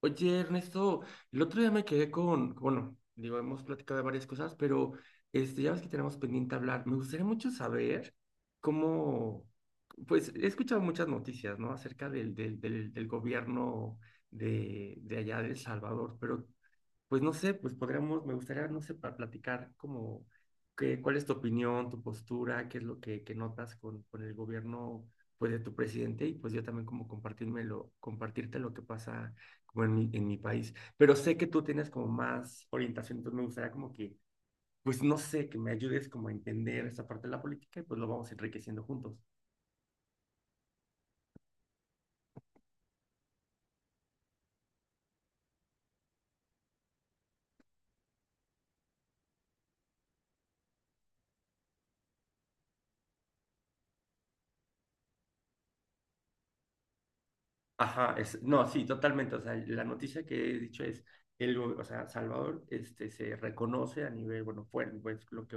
Oye, Ernesto, el otro día me quedé con, bueno, digo, hemos platicado de varias cosas, pero ya ves que tenemos pendiente hablar. Me gustaría mucho saber cómo, pues he escuchado muchas noticias, ¿no? Acerca del gobierno de allá de El Salvador, pero pues no sé, pues podríamos, me gustaría, no sé, para platicar como que, cuál es tu opinión, tu postura, qué es lo que notas con el gobierno pues de tu presidente y pues yo también como compartírmelo, compartirte lo que pasa como en mi país. Pero sé que tú tienes como más orientación, entonces me gustaría como que, pues no sé, que me ayudes como a entender esa parte de la política y pues lo vamos enriqueciendo juntos. Ajá, es, no, sí, totalmente. O sea, la noticia que he dicho es, o sea, Salvador se reconoce a nivel, bueno, fuera, pues lo que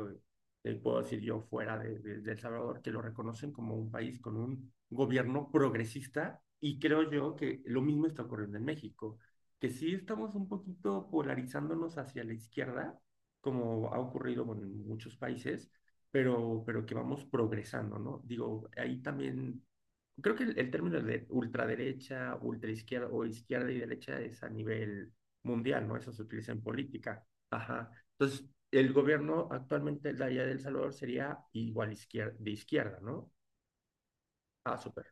puedo decir yo fuera de El Salvador, que lo reconocen como un país con un gobierno progresista y creo yo que lo mismo está ocurriendo en México, que sí estamos un poquito polarizándonos hacia la izquierda, como ha ocurrido, bueno, en muchos países, pero que vamos progresando, ¿no? Digo, ahí también creo que el término de ultraderecha, ultraizquierda o izquierda y derecha es a nivel mundial, ¿no? Eso se utiliza en política. Ajá. Entonces, el gobierno actualmente de allá de El Salvador sería igual izquierda, de izquierda, ¿no? Ah, súper.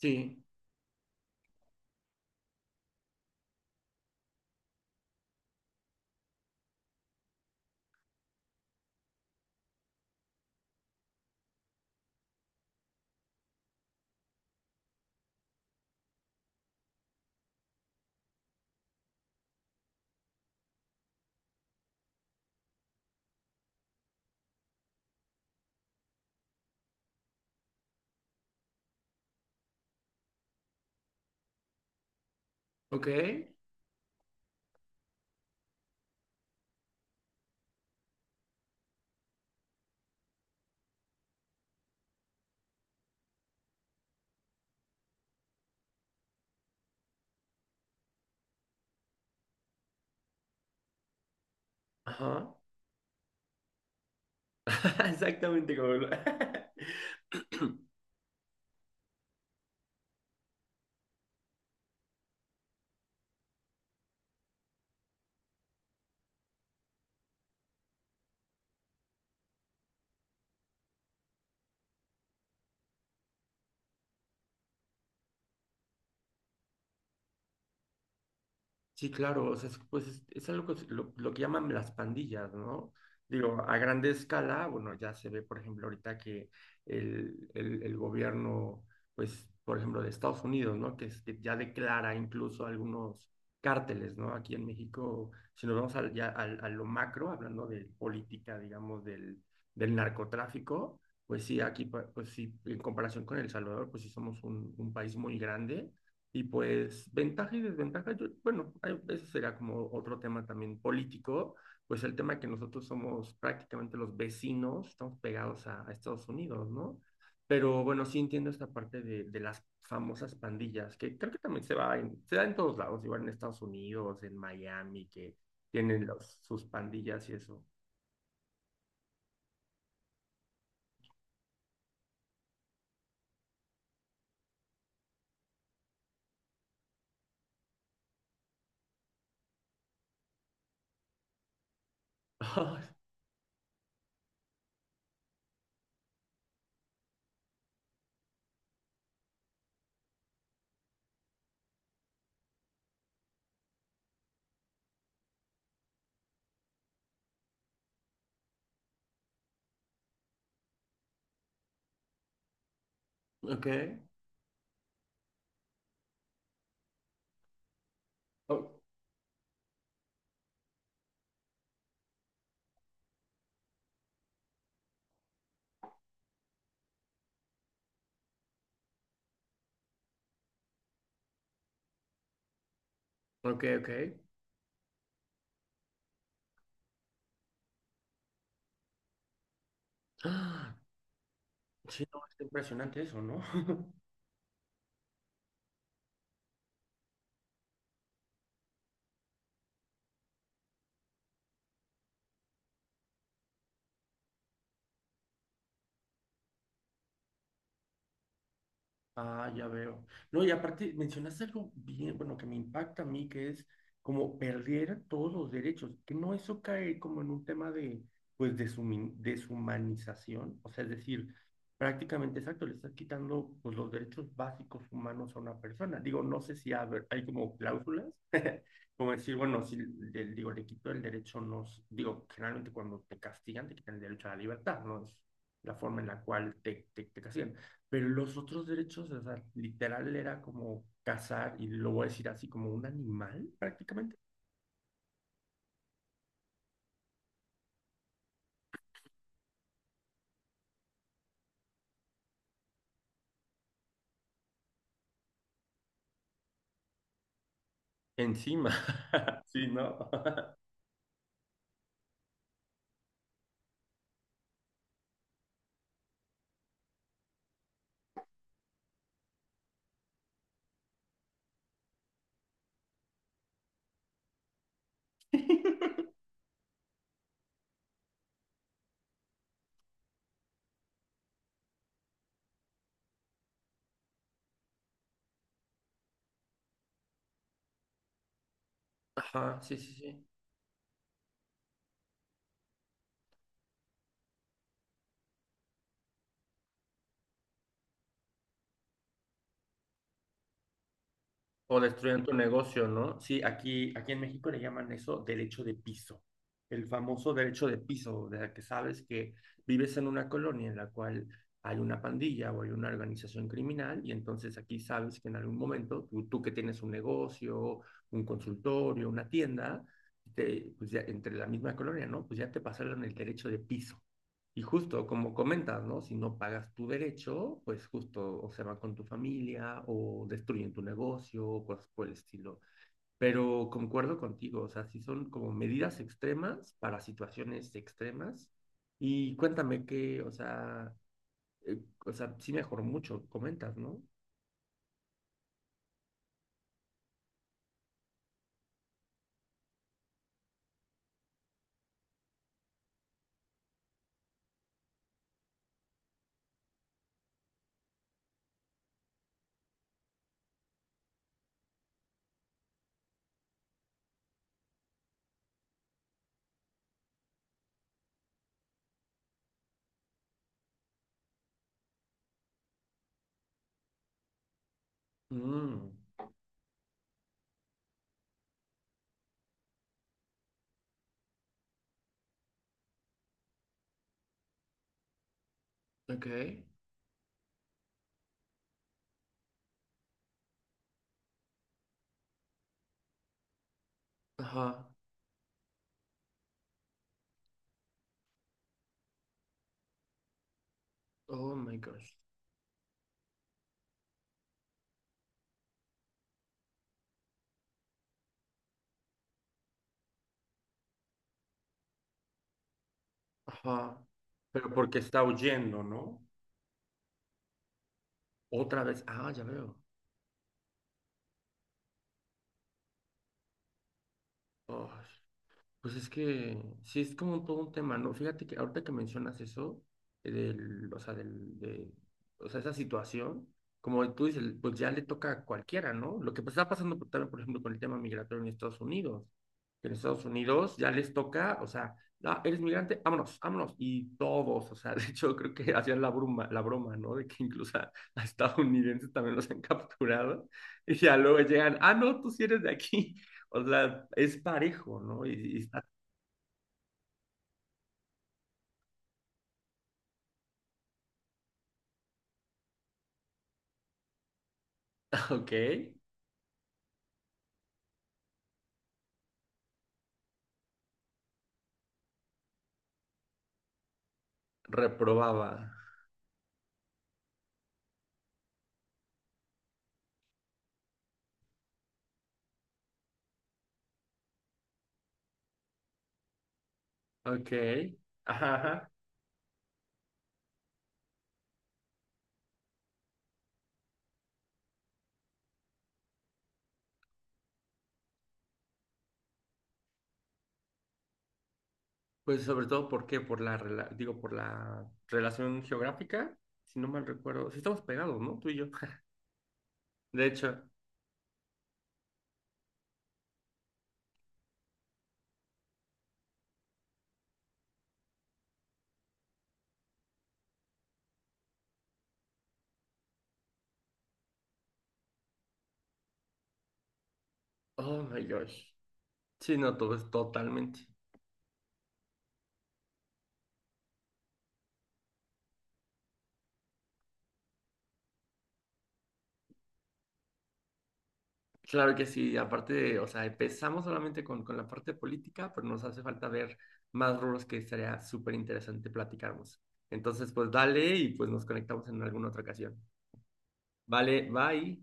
Sí, ok. Ajá. Exactamente como lo- Sí, claro, o sea, es, pues es algo que, se- lo que llaman las pandillas, ¿no? Digo, a grande escala, bueno, ya se ve, por ejemplo, ahorita que el gobierno, pues, por ejemplo, de Estados Unidos, ¿no? Que, es- que ya declara incluso algunos cárteles, ¿no? Aquí en México, si nos vamos al, ya al- a lo macro, hablando de política, digamos, del narcotráfico, pues sí, aquí, pa- pues sí, en comparación con El Salvador, pues sí somos un país muy grande y pues ventaja y desventaja, yo- bueno, hay- ese será como otro tema también político, pues el tema que nosotros somos prácticamente los vecinos, estamos pegados a Estados Unidos, ¿no? Pero bueno, sí entiendo esta parte de las famosas pandillas, que creo que también se va en- se da en todos lados, igual en Estados Unidos, en Miami, que tienen los- sus pandillas y eso. Ok. Oh, ok, ok. Ah, sí, no, es impresionante eso, ¿no? Ah, ya veo. No, y aparte mencionaste algo bien, bueno, que me impacta a mí, que es como perder todos los derechos, que no eso cae como en un tema de, pues, de deshumanización, o sea, es decir, prácticamente exacto, le estás quitando, pues, los derechos básicos humanos a una persona. Digo, no sé si haber- hay como cláusulas, como decir, bueno, si le, digo, le quito el derecho, no, s- digo, generalmente cuando te castigan, te quitan el derecho a la libertad, no es la forma en la cual te castigan pero los otros derechos, o sea, literal era como cazar, y lo voy a decir así, como un animal prácticamente. Encima. Sí, ¿no? Ajá, sí, sí, sí. O destruyen tu negocio, ¿no? Sí, aquí en México le llaman eso derecho de piso, el famoso derecho de piso, de la que sabes que vives en una colonia en la cual hay una pandilla o hay una organización criminal y entonces aquí sabes que en algún momento tú que tienes un negocio, un consultorio, una tienda, te- pues ya entre la misma colonia, ¿no? Pues ya te pasaron el derecho de piso. Y justo, como comentas, ¿no? Si no pagas tu derecho, pues justo o se van con tu familia o destruyen tu negocio o cosas por el estilo. Pero concuerdo contigo, o sea, sí son como medidas extremas para situaciones extremas. Y cuéntame que, eh, o sea, sí mejoró mucho, comentas, ¿no? Mm, ok. Ajá. Oh my gosh. Ajá. Pero porque está huyendo, ¿no? Otra vez, ah, ya veo. Oh. Pues es que sí es como todo un tema, ¿no? Fíjate que ahorita que mencionas eso, del, o sea, del, de, o sea, esa situación, como tú dices, pues ya le toca a cualquiera, ¿no? Lo que pues está pasando por- también, por ejemplo, con el tema migratorio en Estados Unidos, que en Estados Unidos ya les toca, o sea, ah, eres migrante, vámonos, vámonos, y todos, o sea, de hecho creo que hacían la broma, ¿no? De que incluso a estadounidenses también los han capturado, y ya luego llegan, ah, no, tú sí eres de aquí. O sea, es parejo, ¿no? Y está. Ok, reprobaba. Ok, ajá, ajá. Pues sobre todo, ¿por qué? Por la, rela- digo, por la relación geográfica, si no mal recuerdo. Sí estamos pegados, ¿no? Tú y yo. De hecho, oh my gosh. Sí, no, todo es totalmente. Claro que sí, aparte, de- o sea, empezamos solamente con la parte política, pero nos hace falta ver más rubros que estaría súper interesante platicarnos. Entonces, pues dale y pues nos conectamos en alguna otra ocasión. Vale, bye.